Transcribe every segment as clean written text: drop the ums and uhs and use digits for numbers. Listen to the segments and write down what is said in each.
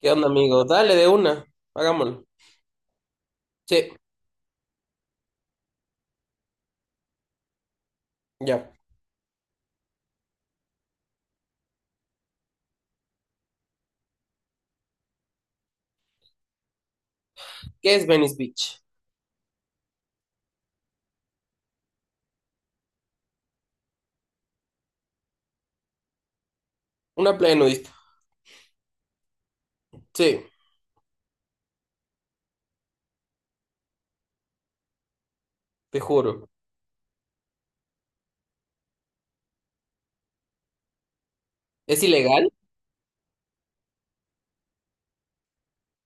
¿Qué onda, amigo? Dale de una. Hagámoslo. Sí, ya. ¿Qué es Venice Beach? Una playa nudista. Sí, te juro. ¿Es ilegal?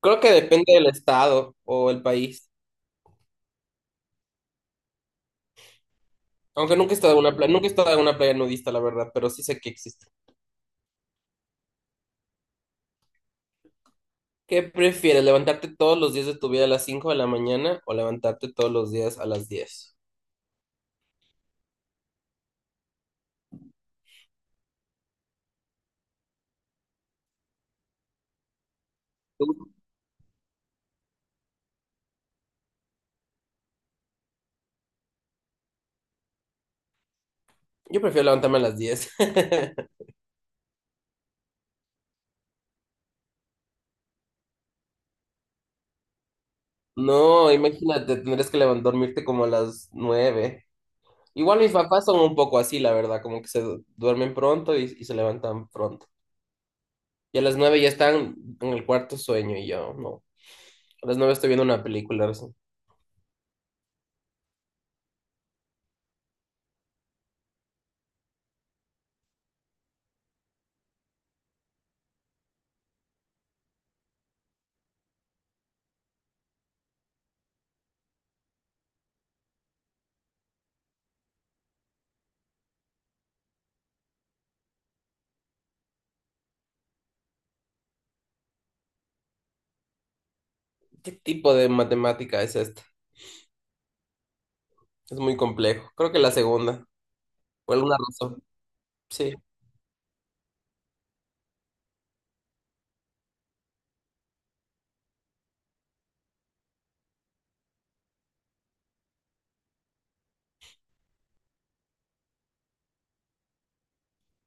Creo que depende del estado o el país. Aunque nunca he estado en una playa, nunca he estado en una playa nudista, la verdad, pero sí sé que existe. ¿Qué prefieres, levantarte todos los días de tu vida a las 5 de la mañana o levantarte todos los días a las 10? Yo prefiero levantarme a las 10. No, imagínate, tendrías que dormirte como a las 9. Igual mis papás son un poco así, la verdad, como que duermen pronto y se levantan pronto. Y a las 9 ya están en el cuarto sueño y yo no. A las 9 estoy viendo una película recién. ¿Qué tipo de matemática es esta? Es muy complejo. Creo que la segunda, por alguna razón. Sí.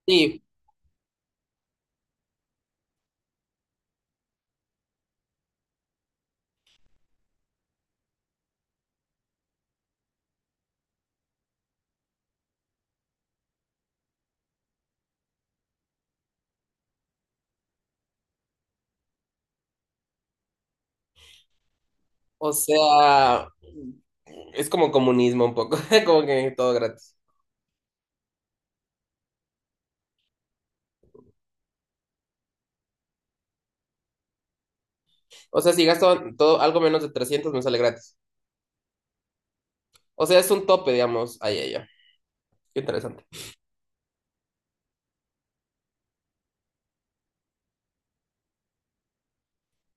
Sí, o sea, es como comunismo un poco, como que todo gratis. O sea, si gasto todo algo menos de 300 me sale gratis. O sea, es un tope, digamos. Ay, ay, ay. Qué interesante.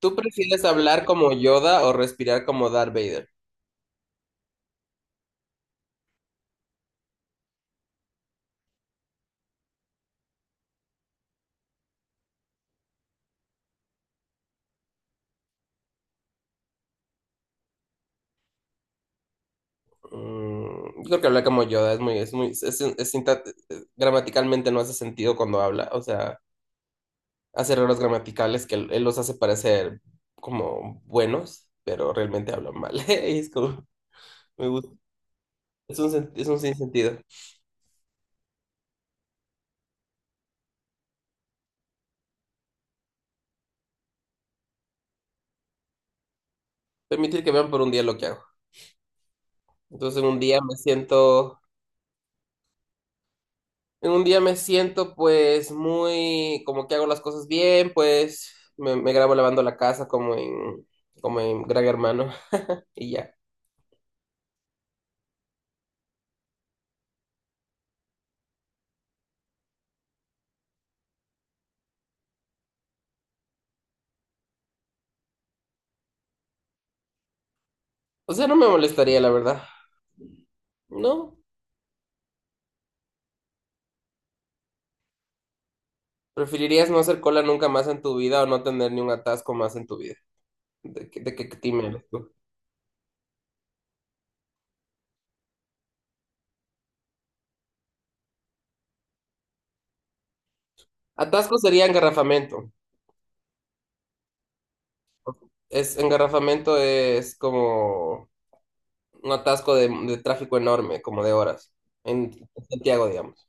¿Tú prefieres hablar como Yoda o respirar como Darth Vader? Yo creo que hablar como Yoda es muy, gramaticalmente no hace sentido cuando habla, o sea, hace errores gramaticales que él los hace parecer como buenos, pero realmente habla mal. Y es como, me gusta, es es un sinsentido. Permitir que vean por un día lo que hago. Entonces, un día me siento En un día me siento pues muy como que hago las cosas bien, pues me grabo lavando la casa como en Gran Hermano y ya. O sea, no me molestaría, la verdad. No. ¿Preferirías no hacer cola nunca más en tu vida o no tener ni un atasco más en tu vida? ¿De qué team eres tú? Atasco sería engarrafamiento. Engarrafamiento es como un atasco de tráfico enorme, como de horas, en Santiago, digamos.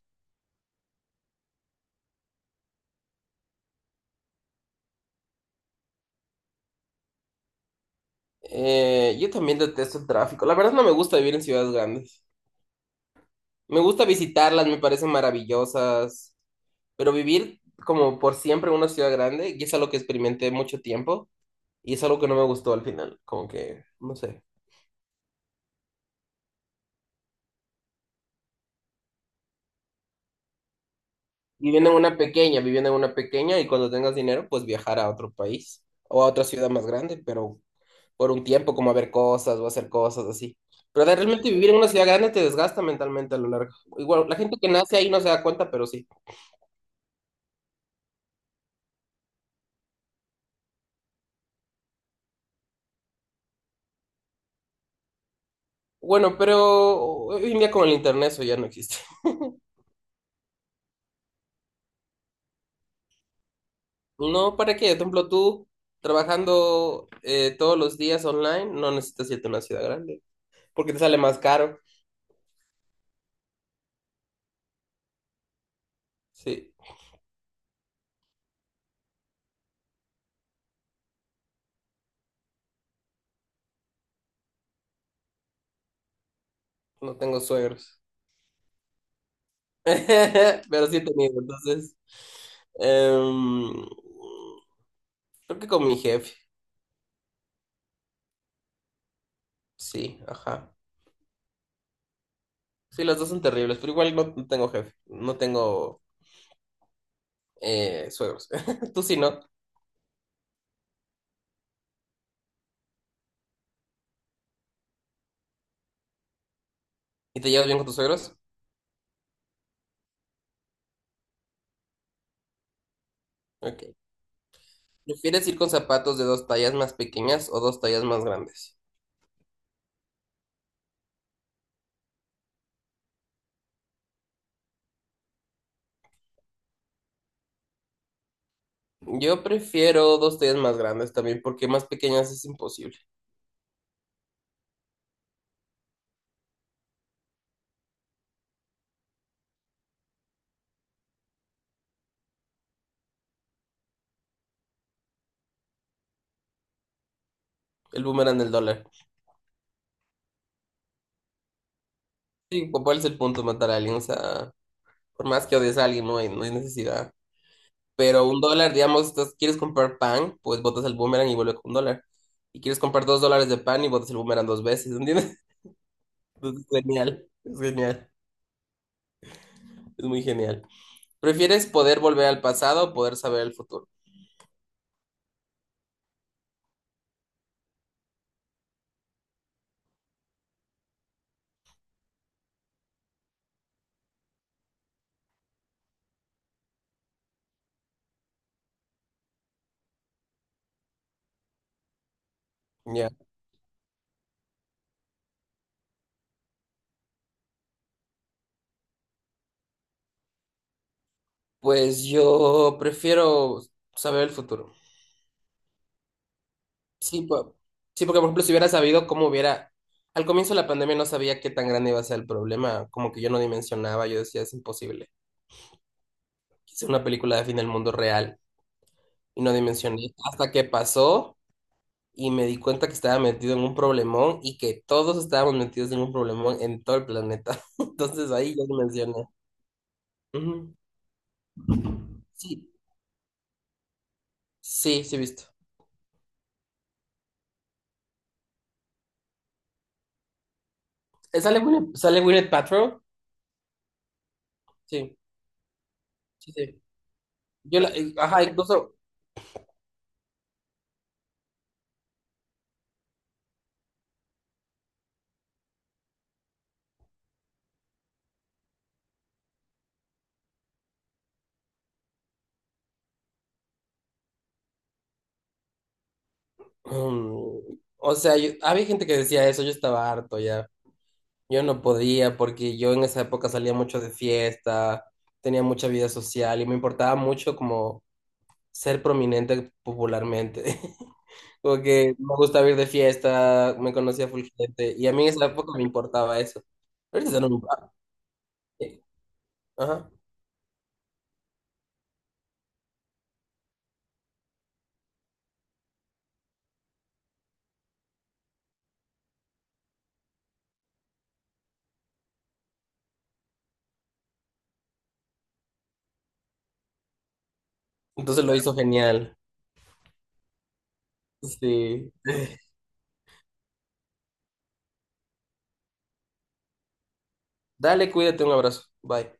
Yo también detesto el tráfico. La verdad no me gusta vivir en ciudades grandes. Me gusta visitarlas, me parecen maravillosas, pero vivir como por siempre en una ciudad grande, y es algo que experimenté mucho tiempo, y es algo que no me gustó al final, como que, no sé. Viviendo en una pequeña, y cuando tengas dinero, pues viajar a otro país o a otra ciudad más grande, pero por un tiempo, como a ver cosas o hacer cosas así. Pero de realmente vivir en una ciudad grande te desgasta mentalmente a lo largo. Igual, la gente que nace ahí no se da cuenta, pero sí. Bueno, pero hoy en día con el internet eso ya no existe. No, ¿para qué? Por ejemplo, tú trabajando todos los días online, no necesitas irte a una ciudad grande, porque te sale más caro. Sí, no tengo suegros. Pero sí he tenido, entonces. em, Creo que con mi jefe, sí, ajá. Sí, las dos son terribles, pero igual no, no tengo jefe, no tengo suegros. Tú sí, ¿no? ¿Y te llevas bien con tus suegros? Ok. ¿Prefieres ir con zapatos de dos tallas más pequeñas o dos tallas más grandes? Yo prefiero dos tallas más grandes también, porque más pequeñas es imposible. El boomerang del dólar. Sí, ¿cuál es el punto? Matar a alguien, o sea, por más que odies a alguien, no hay necesidad. Pero $1, digamos, quieres comprar pan, pues botas el boomerang y vuelve con $1. Y quieres comprar $2 de pan y botas el boomerang dos veces, ¿entiendes? Entonces, es genial, es genial, es muy genial. ¿Prefieres poder volver al pasado o poder saber el futuro? Ya. Pues yo prefiero saber el futuro. Sí, sí, porque por ejemplo, si hubiera sabido cómo hubiera, al comienzo de la pandemia no sabía qué tan grande iba a ser el problema, como que yo no dimensionaba, yo decía, es imposible. Quise una película de fin del mundo real y no dimensioné hasta que pasó y me di cuenta que estaba metido en un problemón y que todos estábamos metidos en un problemón en todo el planeta. Entonces ahí yo dimensioné. Ujú. Sí, sí, sí, he visto. ¿Sale Gwyneth Paltrow? Sí, sí, sí. Ajá, incluso, mm, o sea, había gente que decía eso, yo estaba harto ya. Yo no podía porque yo en esa época salía mucho de fiesta, tenía mucha vida social y me importaba mucho como ser prominente popularmente. Porque me gustaba ir de fiesta, me conocía full gente y a mí en esa época me importaba eso. Pero ahorita no me importa. Ajá. Entonces lo hizo genial. Sí. Dale, cuídate, un abrazo. Bye.